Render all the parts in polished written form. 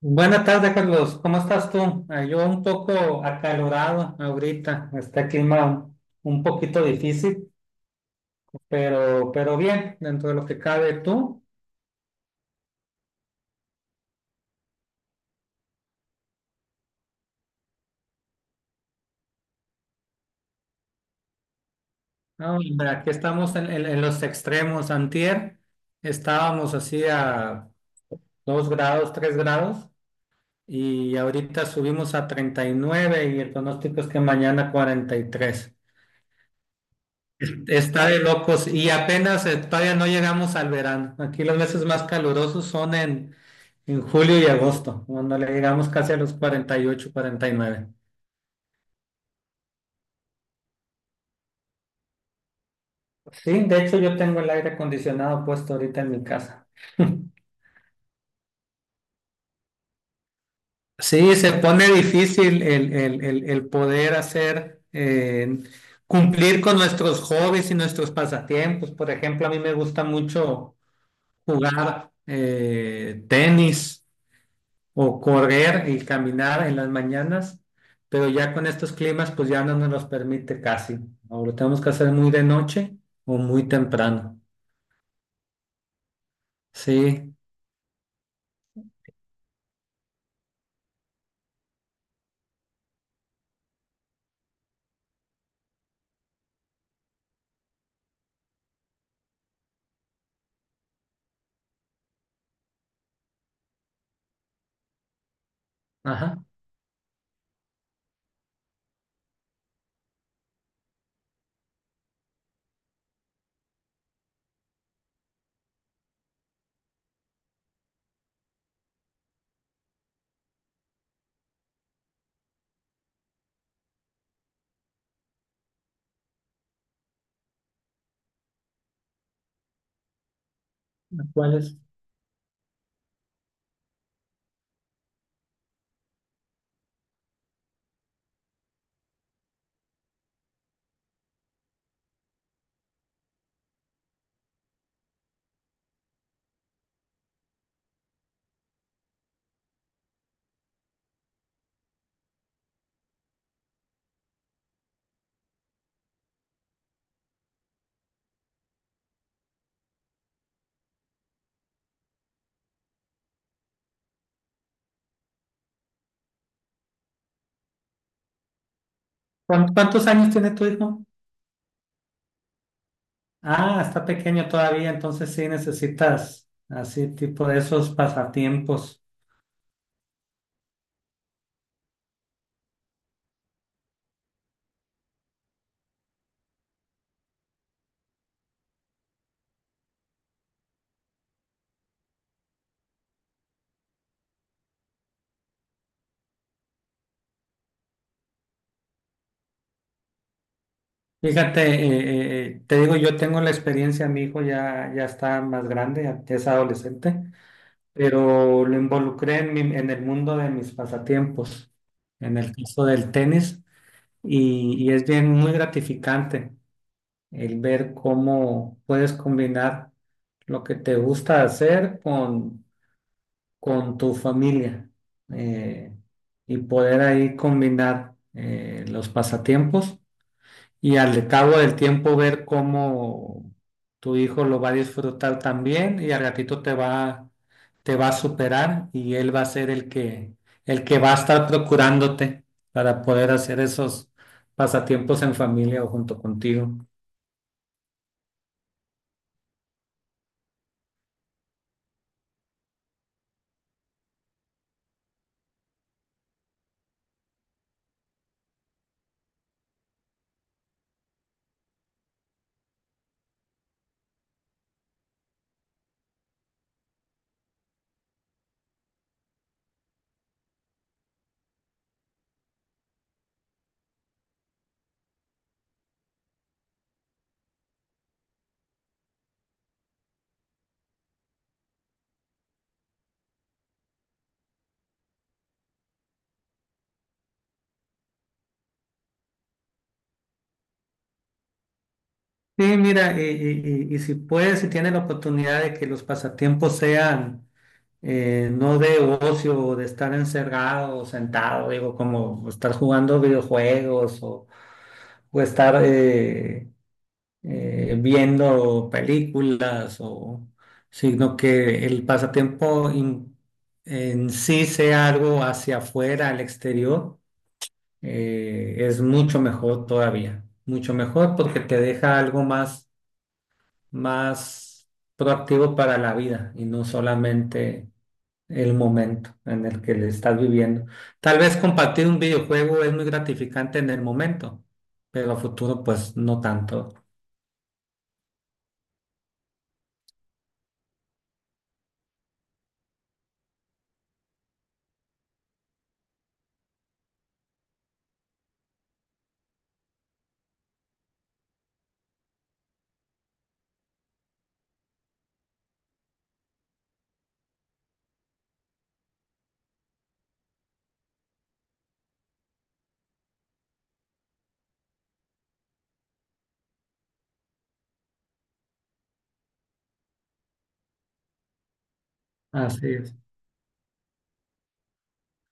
Buenas tardes, Carlos. ¿Cómo estás tú? Yo un poco acalorado ahorita. Está el clima un poquito difícil, pero bien, dentro de lo que cabe tú. No, hombre, aquí estamos en los extremos. Antier estábamos así a 2 grados, 3 grados, y ahorita subimos a treinta y nueve y el pronóstico es que mañana 43. Está de locos y apenas todavía no llegamos al verano. Aquí los meses más calurosos son en julio y agosto, cuando le llegamos casi a los 48, 49. Sí, de hecho yo tengo el aire acondicionado puesto ahorita en mi casa. Sí, se pone difícil el poder hacer, cumplir con nuestros hobbies y nuestros pasatiempos. Por ejemplo, a mí me gusta mucho jugar tenis, o correr y caminar en las mañanas, pero ya con estos climas pues ya no nos los permite casi. Ahora tenemos que hacer muy de noche o muy temprano. Sí, ajá. ¿Cuáles? ¿Cuántos años tiene tu hijo? Ah, está pequeño todavía, entonces sí necesitas así tipo de esos pasatiempos. Fíjate, te digo, yo tengo la experiencia, mi hijo ya está más grande, ya es adolescente, pero lo involucré en el mundo de mis pasatiempos, en el caso del tenis, y es bien muy gratificante el ver cómo puedes combinar lo que te gusta hacer con tu familia, eh, y poder ahí combinar los pasatiempos y al cabo del tiempo ver cómo tu hijo lo va a disfrutar también y al ratito te va a superar y él va a ser el que va a estar procurándote para poder hacer esos pasatiempos en familia o junto contigo. Sí, mira, y si puedes, si tienes la oportunidad de que los pasatiempos sean no de ocio o de estar encerrado o sentado, digo, como estar jugando videojuegos o estar viendo películas o sino que en sí sea algo hacia afuera, al exterior, es mucho mejor todavía, mucho mejor porque te deja algo más, más proactivo para la vida y no solamente el momento en el que le estás viviendo. Tal vez compartir un videojuego es muy gratificante en el momento, pero a futuro pues no tanto. Así es.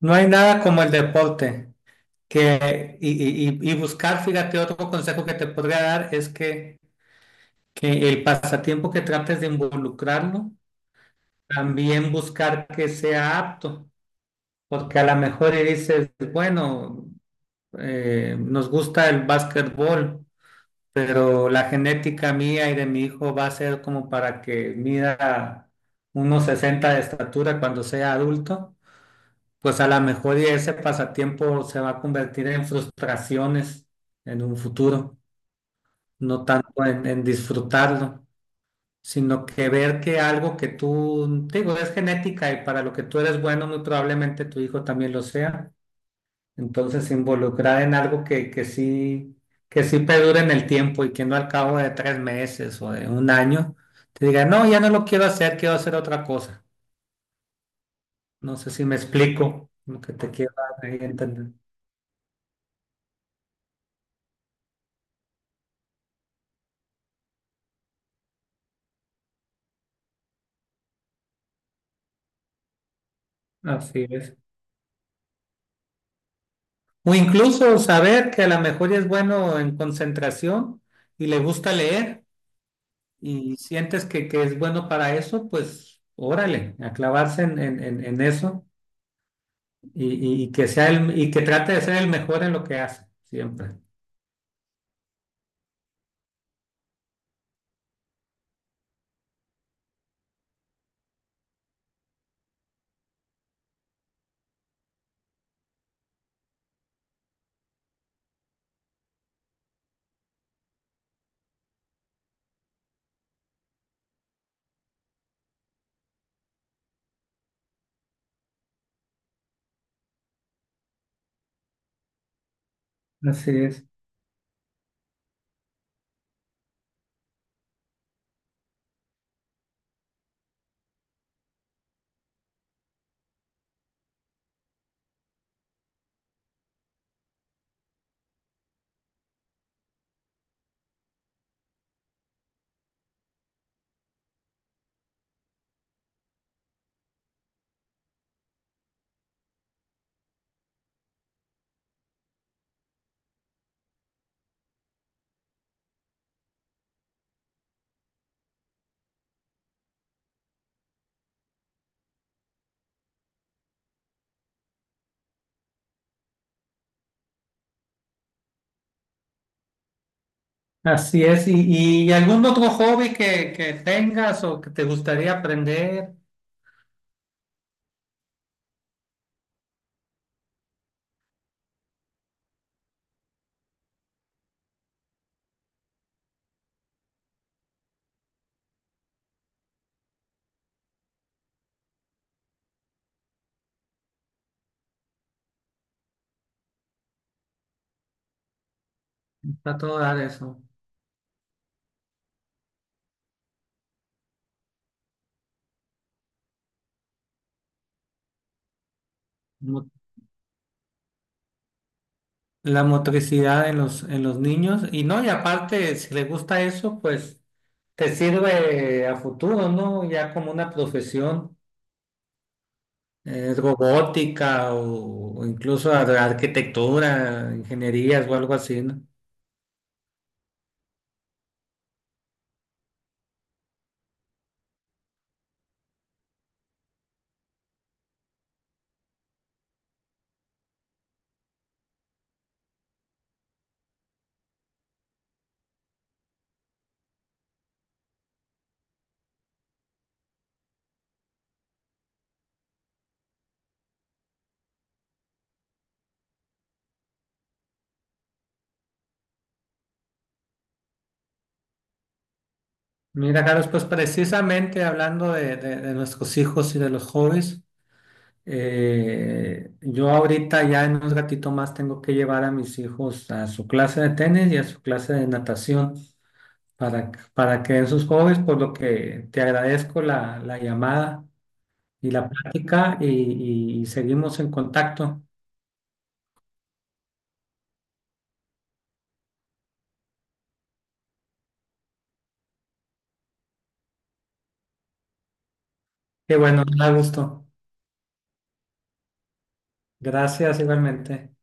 No hay nada como el deporte. Que, y- Y buscar, fíjate, otro consejo que te podría dar es que el pasatiempo que trates de involucrarlo, también buscar que sea apto, porque a lo mejor y dices, bueno, nos gusta el básquetbol, pero la genética mía y de mi hijo va a ser como para que mida unos 60 de estatura cuando sea adulto. Pues a lo mejor y ese pasatiempo se va a convertir en frustraciones en un futuro, no tanto en disfrutarlo, sino que ver que algo que tú, te digo, es genética y para lo que tú eres bueno, muy probablemente tu hijo también lo sea. Entonces, involucrar en algo que sí perdure en el tiempo y que no al cabo de tres meses o de un año te diga, no, ya no lo quiero hacer otra cosa. No sé si me explico lo que te quiero dar ahí a entender. Así es. O incluso saber que a lo mejor ya es bueno en concentración y le gusta leer y sientes que es bueno para eso, pues órale, a clavarse en eso y, y que sea el, y que trate de ser el mejor en lo que hace, siempre. Así es. Así es. Y algún otro hobby que tengas o que te gustaría aprender? Está todo dar eso. La motricidad en en los niños. Y no, y aparte, si les gusta eso, pues te sirve a futuro, ¿no? Ya como una profesión, robótica o incluso arquitectura, ingenierías o algo así, ¿no? Mira, Carlos, pues precisamente hablando de, de nuestros hijos y de los jóvenes, yo ahorita ya en un ratito más tengo que llevar a mis hijos a su clase de tenis y a su clase de natación, para que den sus hobbies, por lo que te agradezco la llamada y la plática y seguimos en contacto. Qué bueno, me da gusto. Gracias igualmente.